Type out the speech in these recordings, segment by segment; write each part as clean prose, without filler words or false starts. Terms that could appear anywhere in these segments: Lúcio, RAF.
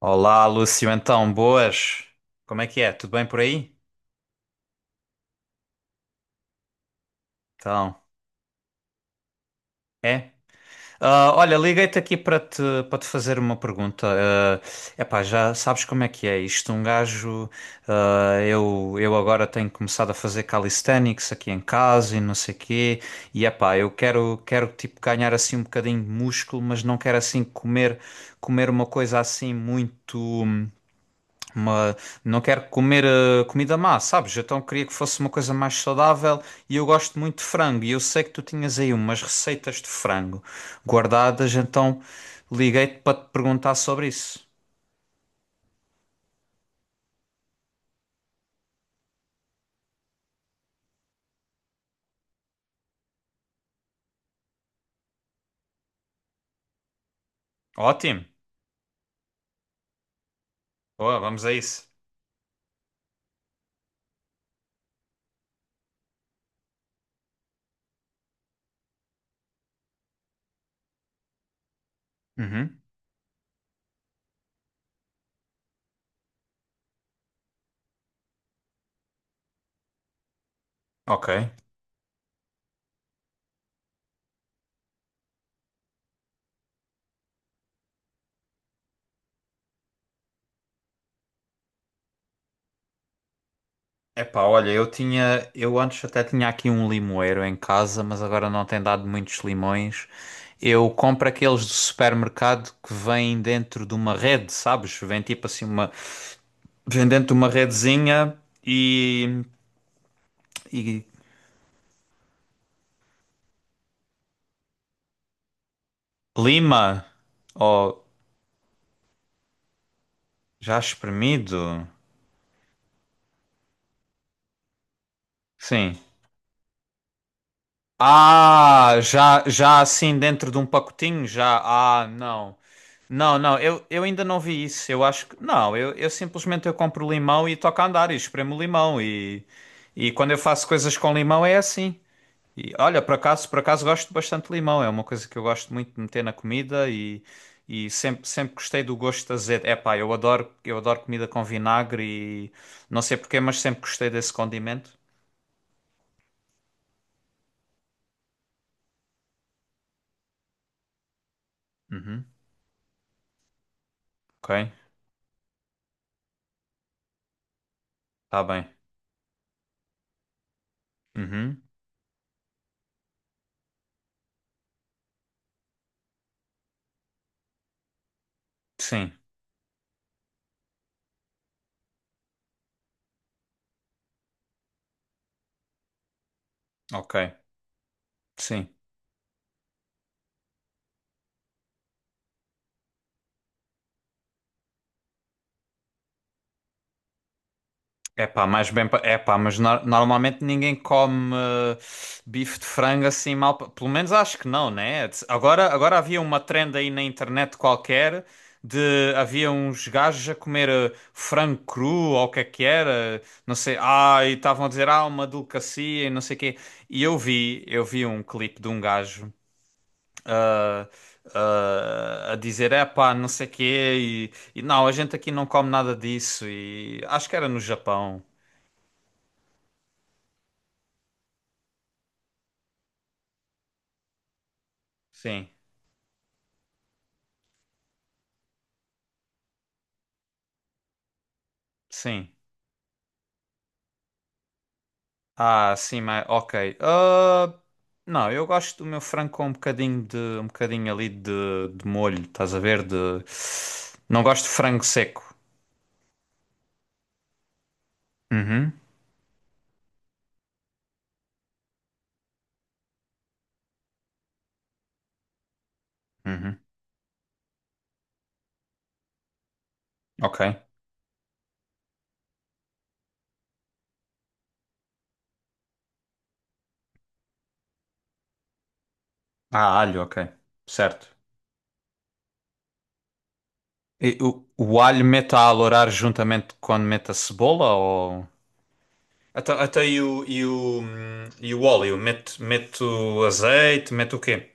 Olá, Lúcio, então, boas? Como é que é? Tudo bem por aí? Então, é? Ah, olha, liguei-te aqui para te fazer uma pergunta. É epá, já sabes como é que é isto? Um gajo, eu agora tenho começado a fazer calisthenics aqui em casa e não sei quê. E epá, quero tipo ganhar assim um bocadinho de músculo, mas não quero assim comer, comer uma coisa assim muito. Mas não quero comer comida má, sabes? Então queria que fosse uma coisa mais saudável e eu gosto muito de frango. E eu sei que tu tinhas aí umas receitas de frango guardadas, então liguei-te para te perguntar sobre isso. Ótimo! Boa, vamos a isso. Uhum. Ok. Epá, olha, eu antes até tinha aqui um limoeiro em casa, mas agora não tem dado muitos limões. Eu compro aqueles do supermercado que vêm dentro de uma rede, sabes? Vem tipo assim uma, vendendo-te uma redezinha e, e lima, ou já espremido, sim. Ah, já assim dentro de um pacotinho, já, ah, não. Não, eu ainda não vi isso, eu acho que, não, eu simplesmente eu compro limão e toco a andar e espremo limão e quando eu faço coisas com limão é assim. E olha, por acaso gosto bastante de limão, é uma coisa que eu gosto muito de meter na comida e sempre, sempre gostei do gosto azedo. Epá, eu adoro comida com vinagre e não sei porquê, mas sempre gostei desse condimento. Uhum, ok, está bem. Uhum, sim, ok, sim. É pá, mais bem. É pá, mas normalmente ninguém come bife de frango assim mal. Pelo menos acho que não, né? Agora havia uma trend aí na internet qualquer de havia uns gajos a comer frango cru ou o que é que era, não sei. Ah, e estavam a dizer, ah, uma delicacia e não sei o quê. E eu vi um clipe de um gajo. ah, a dizer, é pá, não sei o quê, e não, a gente aqui não come nada disso, e acho que era no Japão. Sim, sim. Ah, sim, mas ok. Ah, não, eu gosto do meu frango com um bocadinho de um bocadinho ali de molho, estás a ver? De não gosto de frango seco. Uhum, uhum. Ok. Ah, alho, ok. Certo. E o alho mete a alourar juntamente quando mete a cebola ou até, até e o e o, e o óleo, mete o azeite, mete o quê?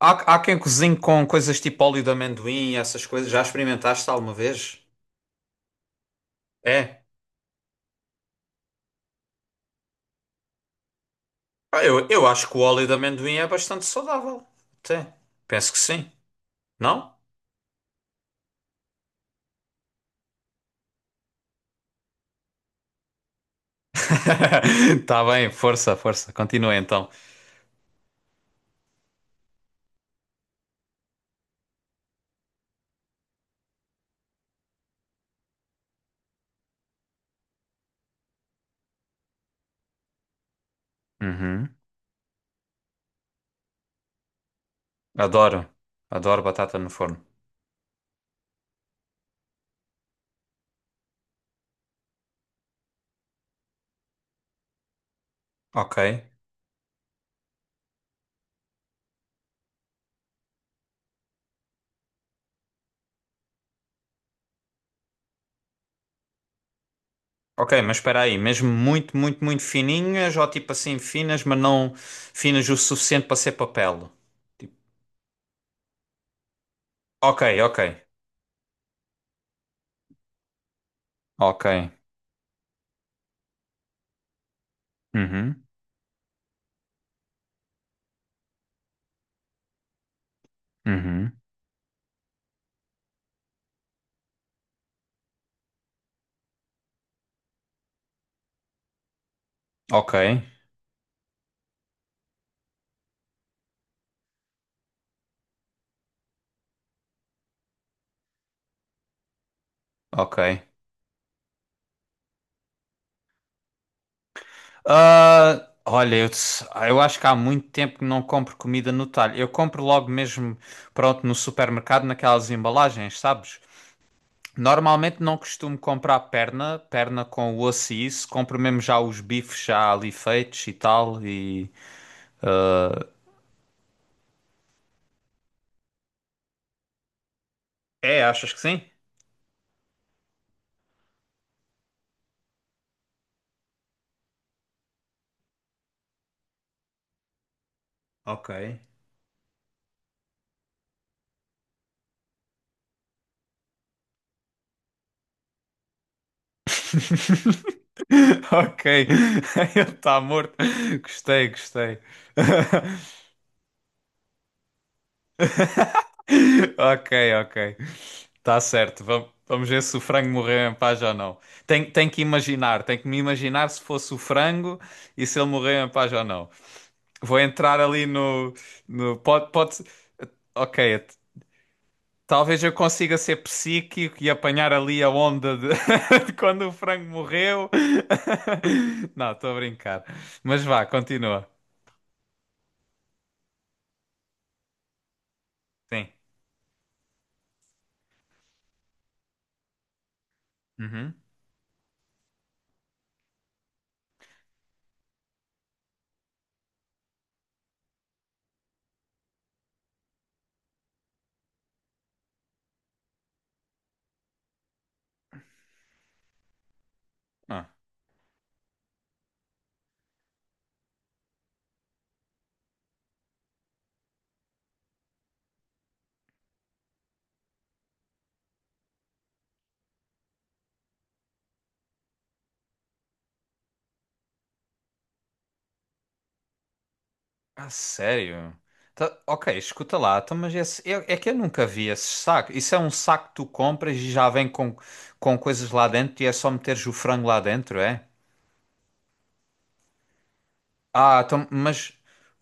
Há quem cozinhe com coisas tipo óleo de amendoim, essas coisas. Já experimentaste alguma vez? É. Ah, eu acho que o óleo de amendoim é bastante saudável. Até. Penso que sim. Não? Tá bem, força, força. Continua então. Uhum. Adoro. Adoro batata no forno. Ok. Ok, mas espera aí. Mesmo muito, muito, muito fininhas ou tipo assim finas, mas não finas o suficiente para ser papel? Tipo, ok, ok. Ok. Uhum. Uhum. Ok. Ok. Ah, olha, eu acho que há muito tempo que não compro comida no talho. Eu compro logo mesmo, pronto, no supermercado, naquelas embalagens, sabes? Normalmente não costumo comprar perna com osso e isso. Compro mesmo já os bifes já ali feitos e tal. E... É, achas que sim? Ok. Ok, ele está morto. Gostei, gostei. Ok, ok. Tá certo, vamos ver se o frango morreu em paz ou não. Tem que me imaginar se fosse o frango e se ele morreu em paz ou não. Vou entrar ali no, no pode, pode, ok, talvez eu consiga ser psíquico e apanhar ali a onda de, de quando o frango morreu. Não, estou a brincar. Mas vá, continua. Sim. Uhum. Ah. Ah, sério? Tá- ok, escuta lá, então, mas esse, é que eu nunca vi esse saco. Isso é um saco que tu compras e já vem com coisas lá dentro e é só meteres o frango lá dentro, é? Ah, então,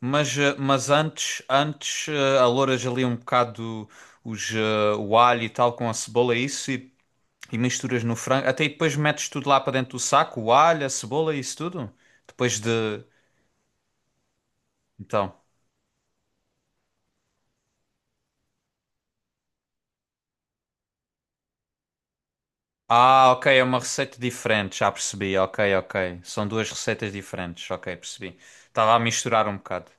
mas, mas antes, antes alouras ali um bocado os, o alho e tal com a cebola e isso e misturas no frango. Até e depois metes tudo lá para dentro do saco, o alho, a cebola e isso tudo? Depois de... Então... Ah, ok, é uma receita diferente, já percebi. Ok, ok. São duas receitas diferentes, ok, percebi. Estava a misturar um bocado.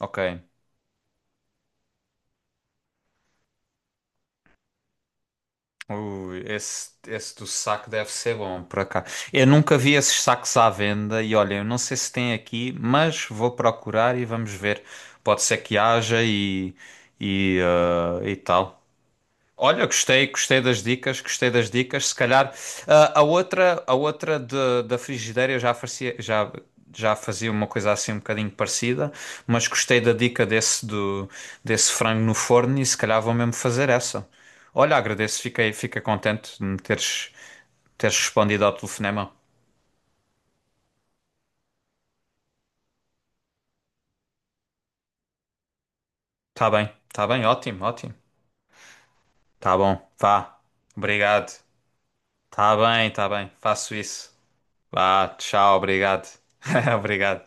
Ok. Ui, esse do saco deve ser bom, por acaso. Eu nunca vi esses sacos à venda e olha, eu não sei se tem aqui, mas vou procurar e vamos ver. Pode ser que haja e, ah, e tal. Olha, gostei, gostei das dicas, gostei das dicas. Se calhar, ah, a outra da frigideira eu já fazia, já, já fazia uma coisa assim um bocadinho parecida, mas gostei da dica desse do desse frango no forno e se calhar vou mesmo fazer essa. Olha, agradeço, fiquei contente de me teres respondido ao telefonema. Tá bem, ótimo, ótimo. Tá bom, vá. Obrigado. Tá bem, faço isso. Vá, tchau, obrigado. Obrigado.